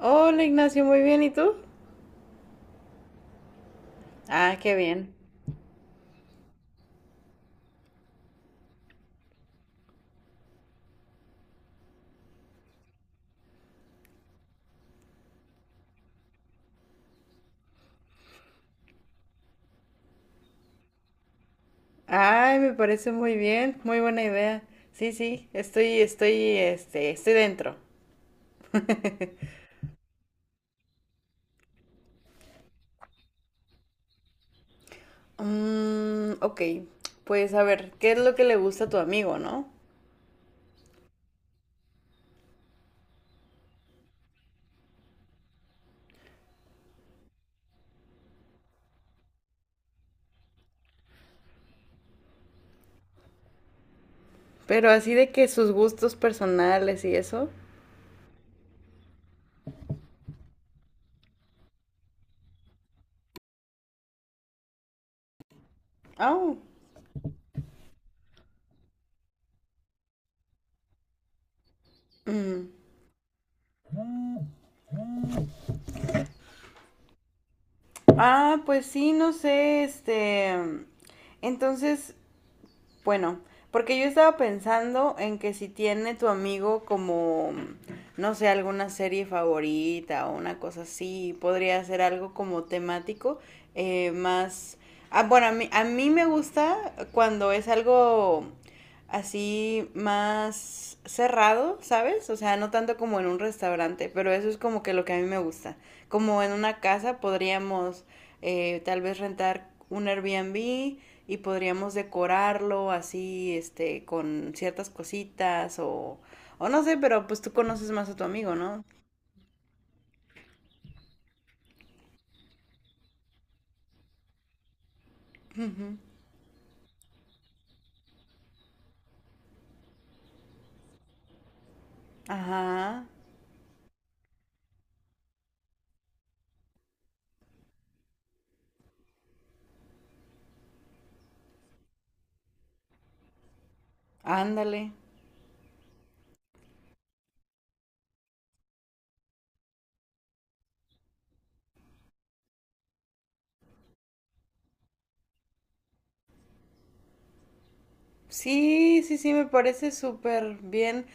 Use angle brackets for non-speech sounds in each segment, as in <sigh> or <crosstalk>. Hola Ignacio, muy bien, ¿y tú? Ah, qué bien. Ay, me parece muy bien, muy buena idea. Sí, sí, estoy dentro. Mm, ok, pues a ver, ¿qué es lo que le gusta a tu amigo, no? Pero así de que sus gustos personales y eso. Oh, mm. Ah, pues sí, no sé, Entonces, Bueno, porque yo estaba pensando en que si tiene tu amigo como, no sé, alguna serie favorita o una cosa así, podría ser algo como temático, eh, más... Ah, bueno, a mí me gusta cuando es algo así más cerrado, ¿sabes? O sea, no tanto como en un restaurante, pero eso es como que lo que a mí me gusta. Como en una casa podríamos tal vez rentar un Airbnb y podríamos decorarlo así, este, con ciertas cositas o no sé, pero pues tú conoces más a tu amigo, ¿no? Ujú. Ajá, ándale. Sí, sí, sí, me parece súper bien.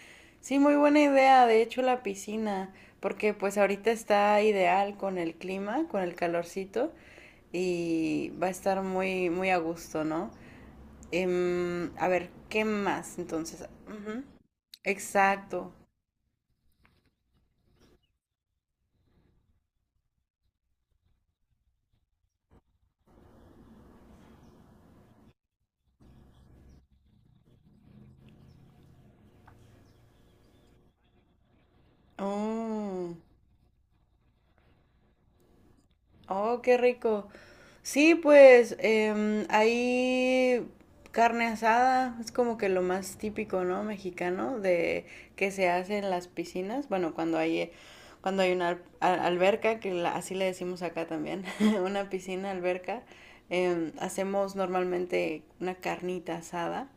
Sí, muy buena idea, de hecho, la piscina, porque pues ahorita está ideal con el clima, con el calorcito y va a estar muy a gusto, ¿no? Em, a ver, ¿qué más entonces? Ujú. Exacto. Oh, oh, qué rico. Sí, pues em, ahí carne asada es como que lo más típico, ¿no? Mexicano de que se hace en las piscinas. Bueno, cuando hay una alberca, que así le decimos acá también, <laughs> una piscina, alberca, em, hacemos normalmente una carnita asada.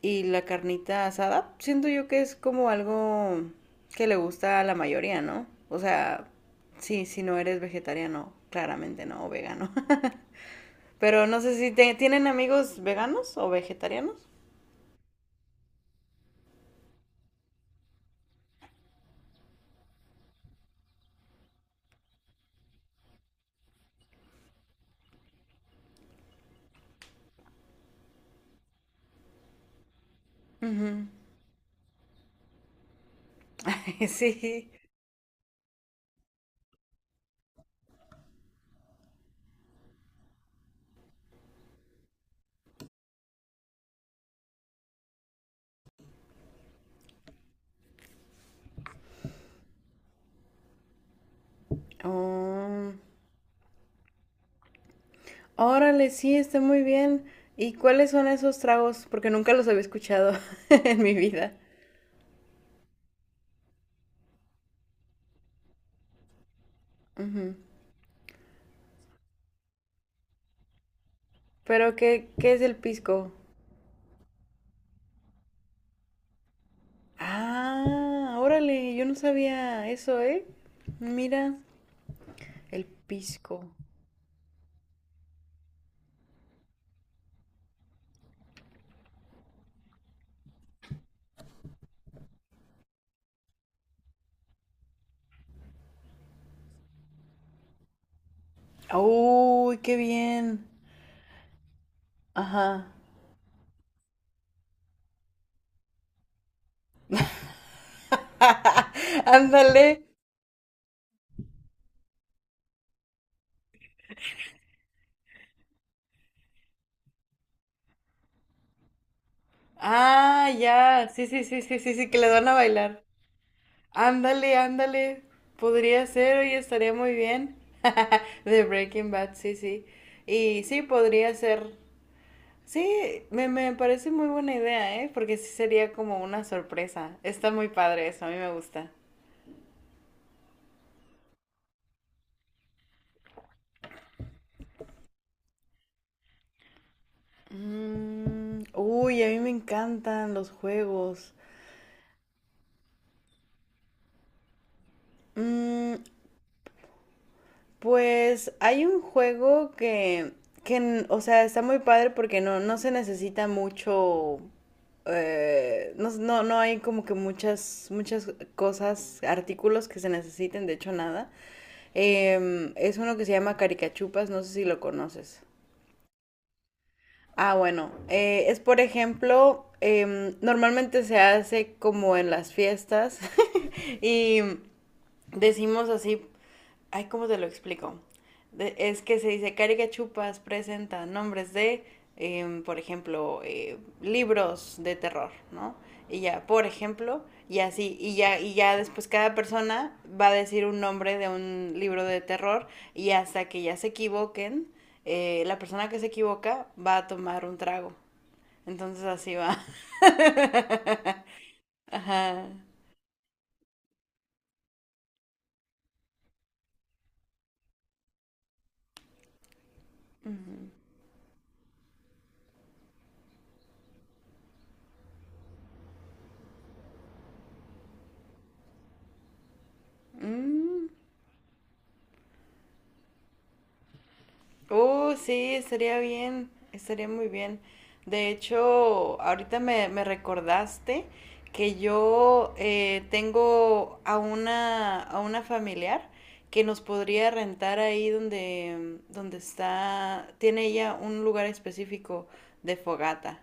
Y la carnita asada, siento yo que es como algo que le gusta a la mayoría, ¿no? O sea, sí, si no eres vegetariano, claramente no, o vegano. <laughs> Pero no sé si tienen amigos veganos o vegetarianos. <laughs> Sí. Oh, órale, sí, está muy bien. ¿Y cuáles son esos tragos? Porque nunca los había escuchado <laughs> en mi vida. Ujú. Pero, ¿qué es el pisco? Ah, órale, yo no sabía eso, ¿eh? Mira, el pisco. Uy, qué bien. Ajá. <laughs> Ándale. Ah, ya. Sí, sí, sí, sí, sí, sí, que le van a bailar. Ándale, ándale. Podría ser, oye, estaría muy bien. <laughs> De Breaking Bad, sí, sí. Y sí, podría ser. Sí, me parece muy buena idea, ¿eh? Porque sí sería como una sorpresa. Está muy padre eso, a mí me gusta. Mm, uy, a mí me encantan los juegos. Mm, pues hay un juego o sea, está muy padre porque no se necesita mucho, no hay como que muchas cosas, artículos que se necesiten, de hecho nada. Em, es uno que se llama Caricachupas, no sé si lo conoces. Ah, bueno, es por ejemplo, em, normalmente se hace como en las fiestas <laughs> y decimos así, ay, ¿cómo te lo explico? Es que se dice, Carica Chupas presenta nombres de, em, por ejemplo, libros de terror, ¿no? Y ya, por ejemplo, y así, y ya después cada persona va a decir un nombre de un libro de terror y hasta que ya se equivoquen, la persona que se equivoca va a tomar un trago. Entonces así va. <laughs> Ajá. Mm. Sí, estaría muy bien. De hecho, ahorita me recordaste que yo tengo a a una familiar que nos podría rentar ahí donde está, tiene ella un lugar específico de fogata.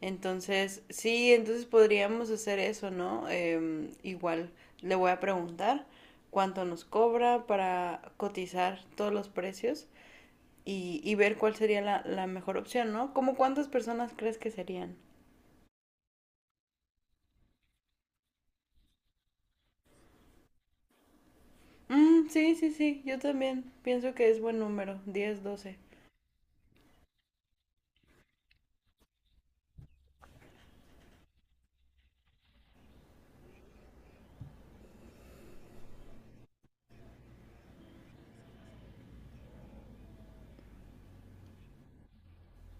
Entonces, sí, entonces podríamos hacer eso, ¿no? Em, igual le voy a preguntar cuánto nos cobra para cotizar todos los precios y ver cuál sería la mejor opción, ¿no? ¿Cómo cuántas personas crees que serían? Mm, sí, sí, sí, yo también pienso que es buen número, 10 12.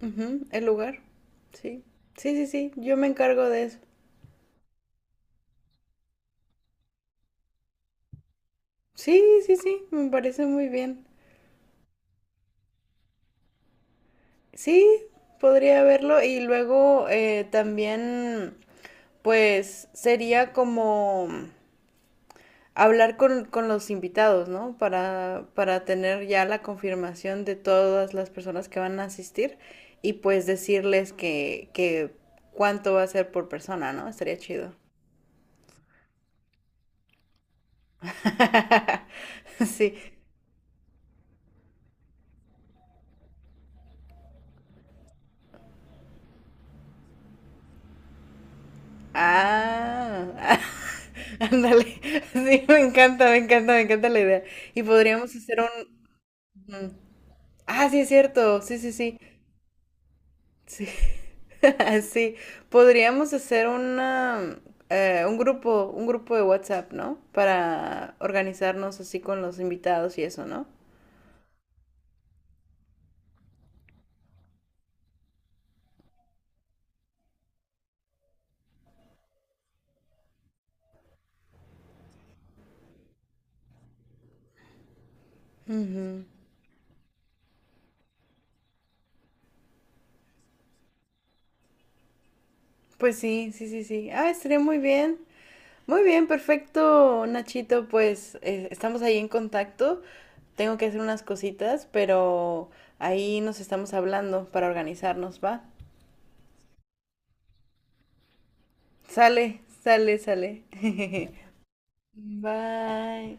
Ujú, el lugar, sí. Sí, sí, sí, yo me encargo de eso. Sí, sí, sí, me parece muy bien. Sí, podría verlo y luego también, pues sería como hablar con los invitados, ¿no? Para tener ya la confirmación de todas las personas que van a asistir y pues decirles que cuánto va a ser por persona, ¿no? Estaría chido. <laughs> Sí. Ah. Ándale. Sí, me encanta, me encanta, me encanta la idea. Y podríamos hacer un... Ah, sí, es cierto. Sí, sí, sí. Sí. <laughs> Sí, podríamos hacer una, un grupo de WhatsApp, ¿no? Para organizarnos así con los invitados y eso, ¿no? Ujú. Pues sí, sí, sí, sí. Ah, estaría muy bien. Muy bien, perfecto, Nachito. Pues estamos ahí en contacto. Tengo que hacer unas cositas, pero ahí nos estamos hablando para organizarnos, ¿va? Sale, sale, sale. <laughs> Bye.